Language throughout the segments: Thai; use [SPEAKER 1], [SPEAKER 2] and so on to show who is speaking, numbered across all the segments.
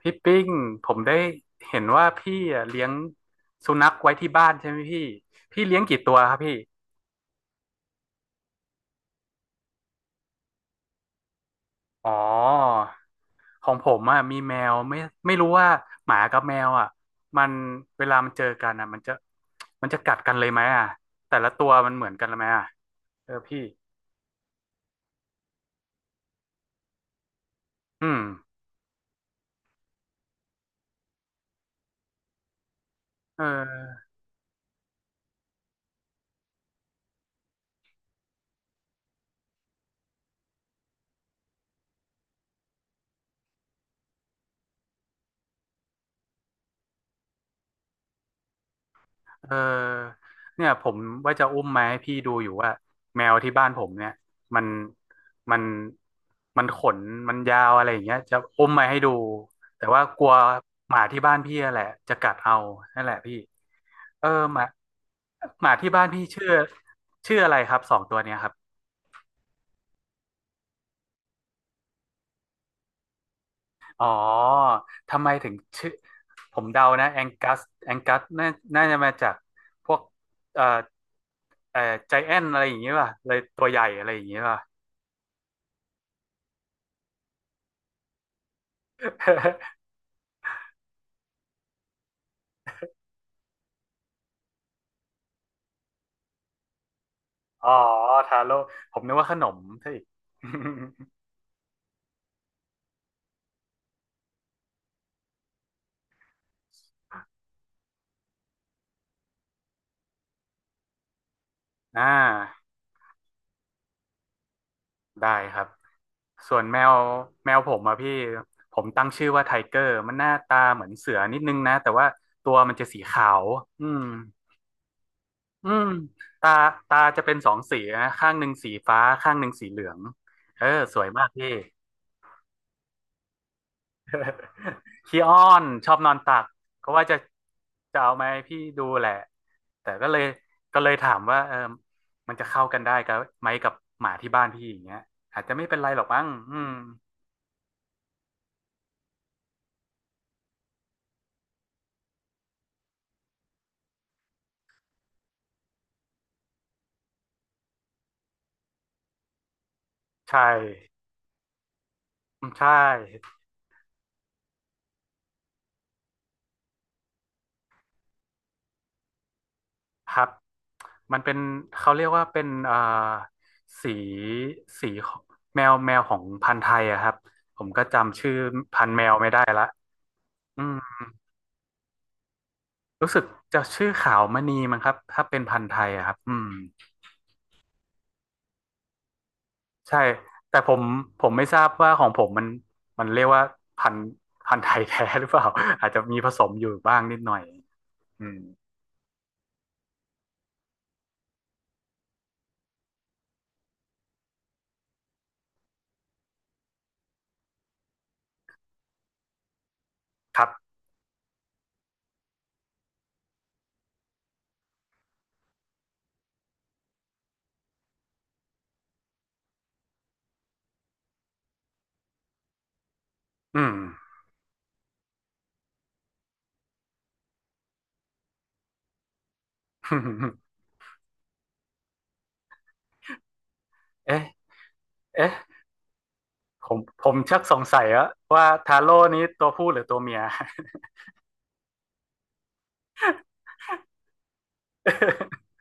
[SPEAKER 1] พี่ปิ้งผมได้เห็นว่าพี่อะเลี้ยงสุนัขไว้ที่บ้านใช่ไหมพี่พี่เลี้ยงกี่ตัวครับพี่อ๋อของผมอ่ะมีแมวไม่ไม่รู้ว่าหมากับแมวอ่ะมันเวลามันเจอกันอ่ะมันจะมันจะกัดกันเลยไหมอ่ะแต่ละตัวมันเหมือนกันไหมอ่ะเออพี่อืมเออ เออเนี่ยผมว่าจะอุ้มมาให้พี่ดูอยู่ว่าแมวที่บ้านผมเนี่ยมันมันมันขนมันยาวอะไรอย่างเงี้ยจะอุ้มมาให้ดูแต่ว่ากลัวหมาที่บ้านพี่อะแหละจะกัดเอานั่นแหละพี่เออหมาหมาที่บ้านพี่ชื่อชื่ออะไรครับสองตัวเนี้ยครับอ๋อทำไมถึงชื่อผมเดานะแองกัสแองกัสน่าน่าจะมาจากพวกเอ่อเอ่อใจแอนอะไรอย่างเงี้ยป่ะเลยตัวใหญ่อะไรอย่างเงี้ยป่ะ อ๋อทาโร่ผมนึกว่าขนมซะอีก อ่าได้ครับส่วนแมวแมวผมอะพี่ผมตั้งชื่อว่าไทเกอร์มันหน้าตาเหมือนเสือนิดนึงนะแต่ว่าตัวมันจะสีขาวอืมอืมตาตาจะเป็นสองสีนะข้างหนึ่งสีฟ้าข้างหนึ่งสีเหลืองเออสวยมากพี่ ขี้อ้อนชอบนอนตักก็ว่าจะจะเอาไหมาให้พี่ดูแหละแต่ก็เลยก็เลยถามว่าเออมันจะเข้ากันได้กับไหมกับหมาที่บ้านพี่อย่างเงี้ยอาจจะไม่เป็นไรหรอกมั้งอืมใช่อืมใช่ครับมันเป็นเขาเรียกว่าเป็นสีสีของแมวแมวของพันธุ์ไทยอะครับผมก็จำชื่อพันธุ์แมวไม่ได้ละอืมรู้สึกจะชื่อขาวมณีมั้งครับถ้าเป็นพันธุ์ไทยอะครับอืม ใช่ แต่ผมผมไม่ทราบว่าของผมมันมันเรียกว่าพันธุ์พันธุ์ไทยแท้หรือเปล่า อาจจะมีผสมอยู่บ้างนิดหน่อยอืมครับ อืม เอ๊ะ เอ๊ะ ผมผมชักสงสัยแล้วว่าทาโร่นี้ตัวผู้หรือตัวเมีย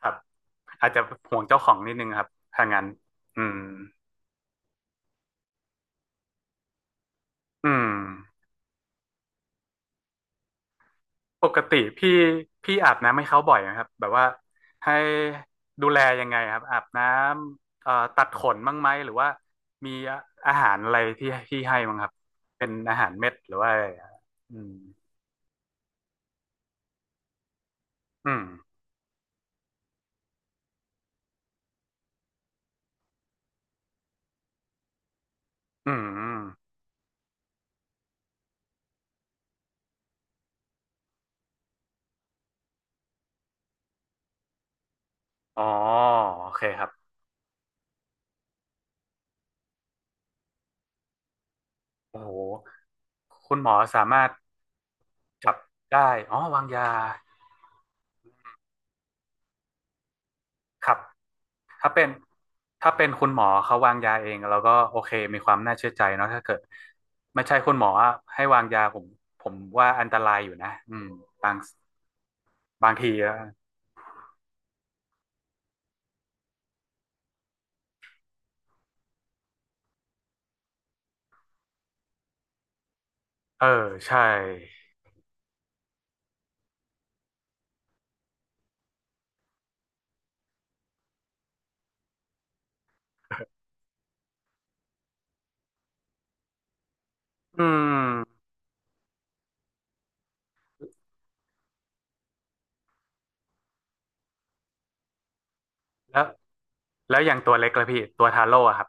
[SPEAKER 1] ครับ อาจจะห่วงเจ้าของนิดนึงครับ ถ้างั้น อืม อืม ปกติพี่พี่อาบน้ำให้เขาบ่อยนะครับแบบว่าให้ดูแลยังไงครับอาบน้ำตัดขนบ้างไหมหรือว่ามีอาหารอะไรที่ที่ให้บ้างครับเป็นอาหารเม็ดหรือว่าอะไรอะอืมอืมอืมอมอ๋อโอเคครับโอ้โหคุณหมอสามารถจับได้อ๋อวางยาครับ ถ้าเป็นถ้าเป็นคุณหมอเขาวางยาเองเราก็โอเคมีความน่าเชื่อใจเนาะถ้าเกิดไม่ใช่คุณหมออะให้วางยาผมผมว่าอันตรายอยู่นะอืมบางบางทีอะเออใช่อืมแล้วแล้วอย่างตัวเล็กละพี่ตัวทาโร่อะครับ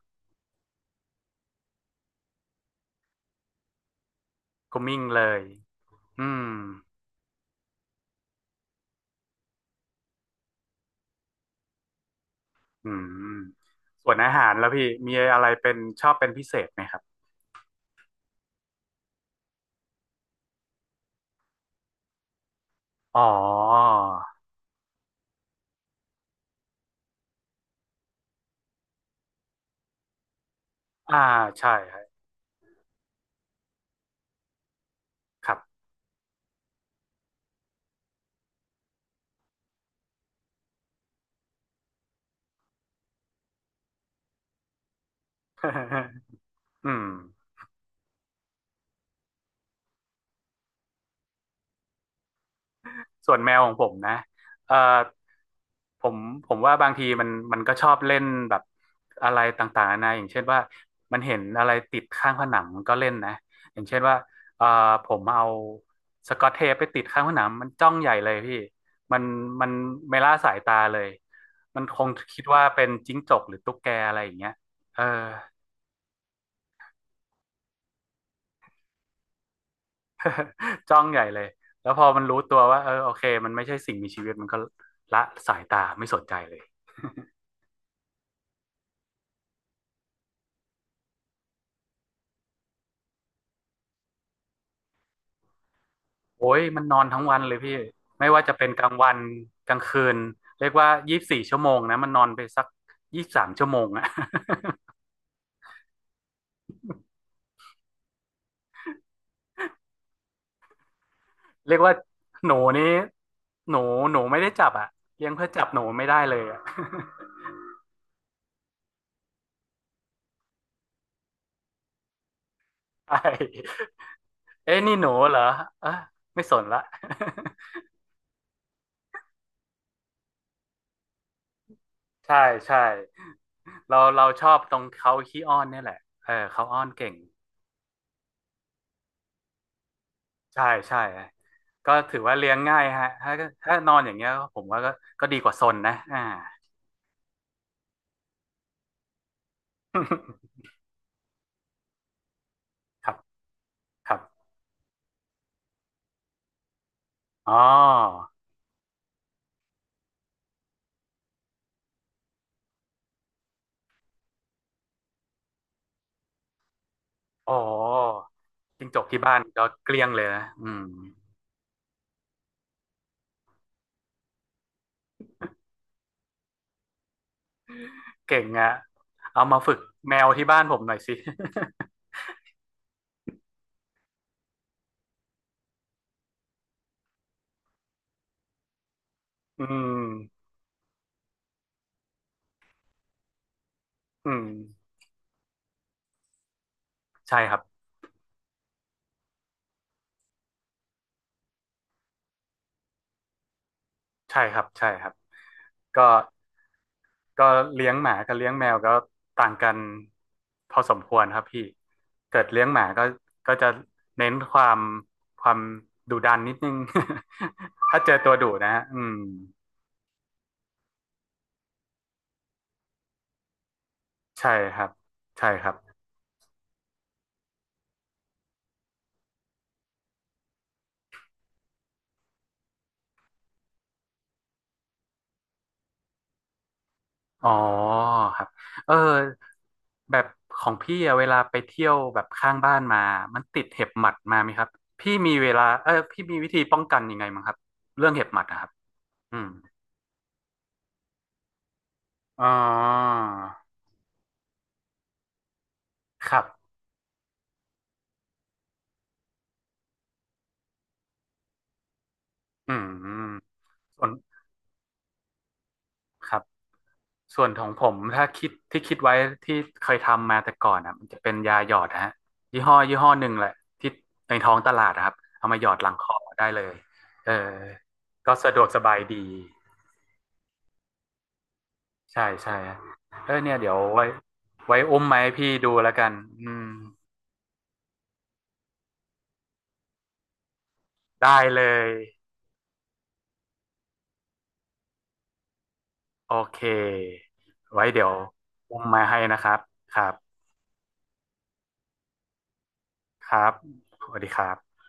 [SPEAKER 1] ก็มิ่งเลยอืมอืมส่วนอาหารแล้วพี่มีอะไรเป็นชอบเป็นพิเศษไหมครับอ๋ออ่าใช่ครับ ครับอืมส่วนแมวของผมนะเอ่อ ผมผมว่าบางทีมันมันก็ชอบเล่นแบบอะไรต่างๆนานาอย่างเช่นว่ามันเห็นอะไรติดข้างผนังมันก็เล่นนะอย่างเช่นว่าเอ่อผมเอาสกอตเทปไปติดข้างผนังมันจ้องใหญ่เลยพี่มันมันไม่ละสายตาเลยมันคงคิดว่าเป็นจิ้งจกหรือตุ๊กแกอะไรอย่างเงี้ยเออจ้องใหญ่เลยแล้วพอมันรู้ตัวว่าเออโอเคมันไม่ใช่สิ่งมีชีวิตมันก็ละสายตาไม่สนใจเลย โอ้ยมันนอนทั้งวันเลยพี่ไม่ว่าจะเป็นกลางวันกลางคืนเรียกว่า24 ชั่วโมงนะมันนอนไปสัก23 ชั่วโมงอะ เรียกว่าหนูนี้หนูหนูไม่ได้จับอะเลี้ยงเพื่อจับหนูไม่ได้เลยอะ ใช่เอ้ยนี่หนูเหรอเออไม่สนละ ใช่ใช่เราเราชอบตรงเขาขี้อ้อนเนี่ยแหละเออเขาอ้อนเก่งใช่ใช่ก็ถือว่าเลี้ยงง่ายฮะถ้าถ้านอนอย่างเงี้ยผมว่าก็ก็ดีกว่าซนนะอ่า ครับครับอ๋ออ๋อจิ้งจกที่บ้านก็เกลี้ยงเลยนะอืมเก่งอะเอามาฝึกแมวที่บ้านผมหน่อยสิ อืมอืมใช่ครับใช่ครับใช่ครับก็ก็เลี้ยงหมากับเลี้ยงแมวก็ต่างกันพอสมควรครับพี่เกิดเลี้ยงหมาก็ก็จะเน้นความความดุดันนิดนึง ถ้าเจอตัวดุนะฮะอืมใช่ครับใช่ครับ อ๋อครับเออแบบของพี่อะเวลาไปเที่ยวแบบข้างบ้านมามันติดเห็บหมัดมาไหมครับพี่มีเวลาเออพี่มีวิธีป้องกันยังไงมั้งครับเรื่องเห็บหมัดนะครับอืมอ๋อครับอืมส่วนครับส่วนของผมถ้าคิดที่คิดไว้ที่เคยทำมาแต่ก่อนอ่ะมันจะเป็นยาหยอดนะฮะยี่ห้อยี่ห้อหนึ่งแหละที่ในท้องตลาดนะครับเอามาหยอดหลังคอได้เลยเออก็สะดวกสบายดี ใช่ใช่ฮะเออเนี่ยเดี๋ยวไว้ไว้อุ้มไหมาให้พี่ดูแล้วกันอืมได้เลยโอเคไว้เดี๋ยวอุ้มมาให้นะครับครับครับสวัสดีครับ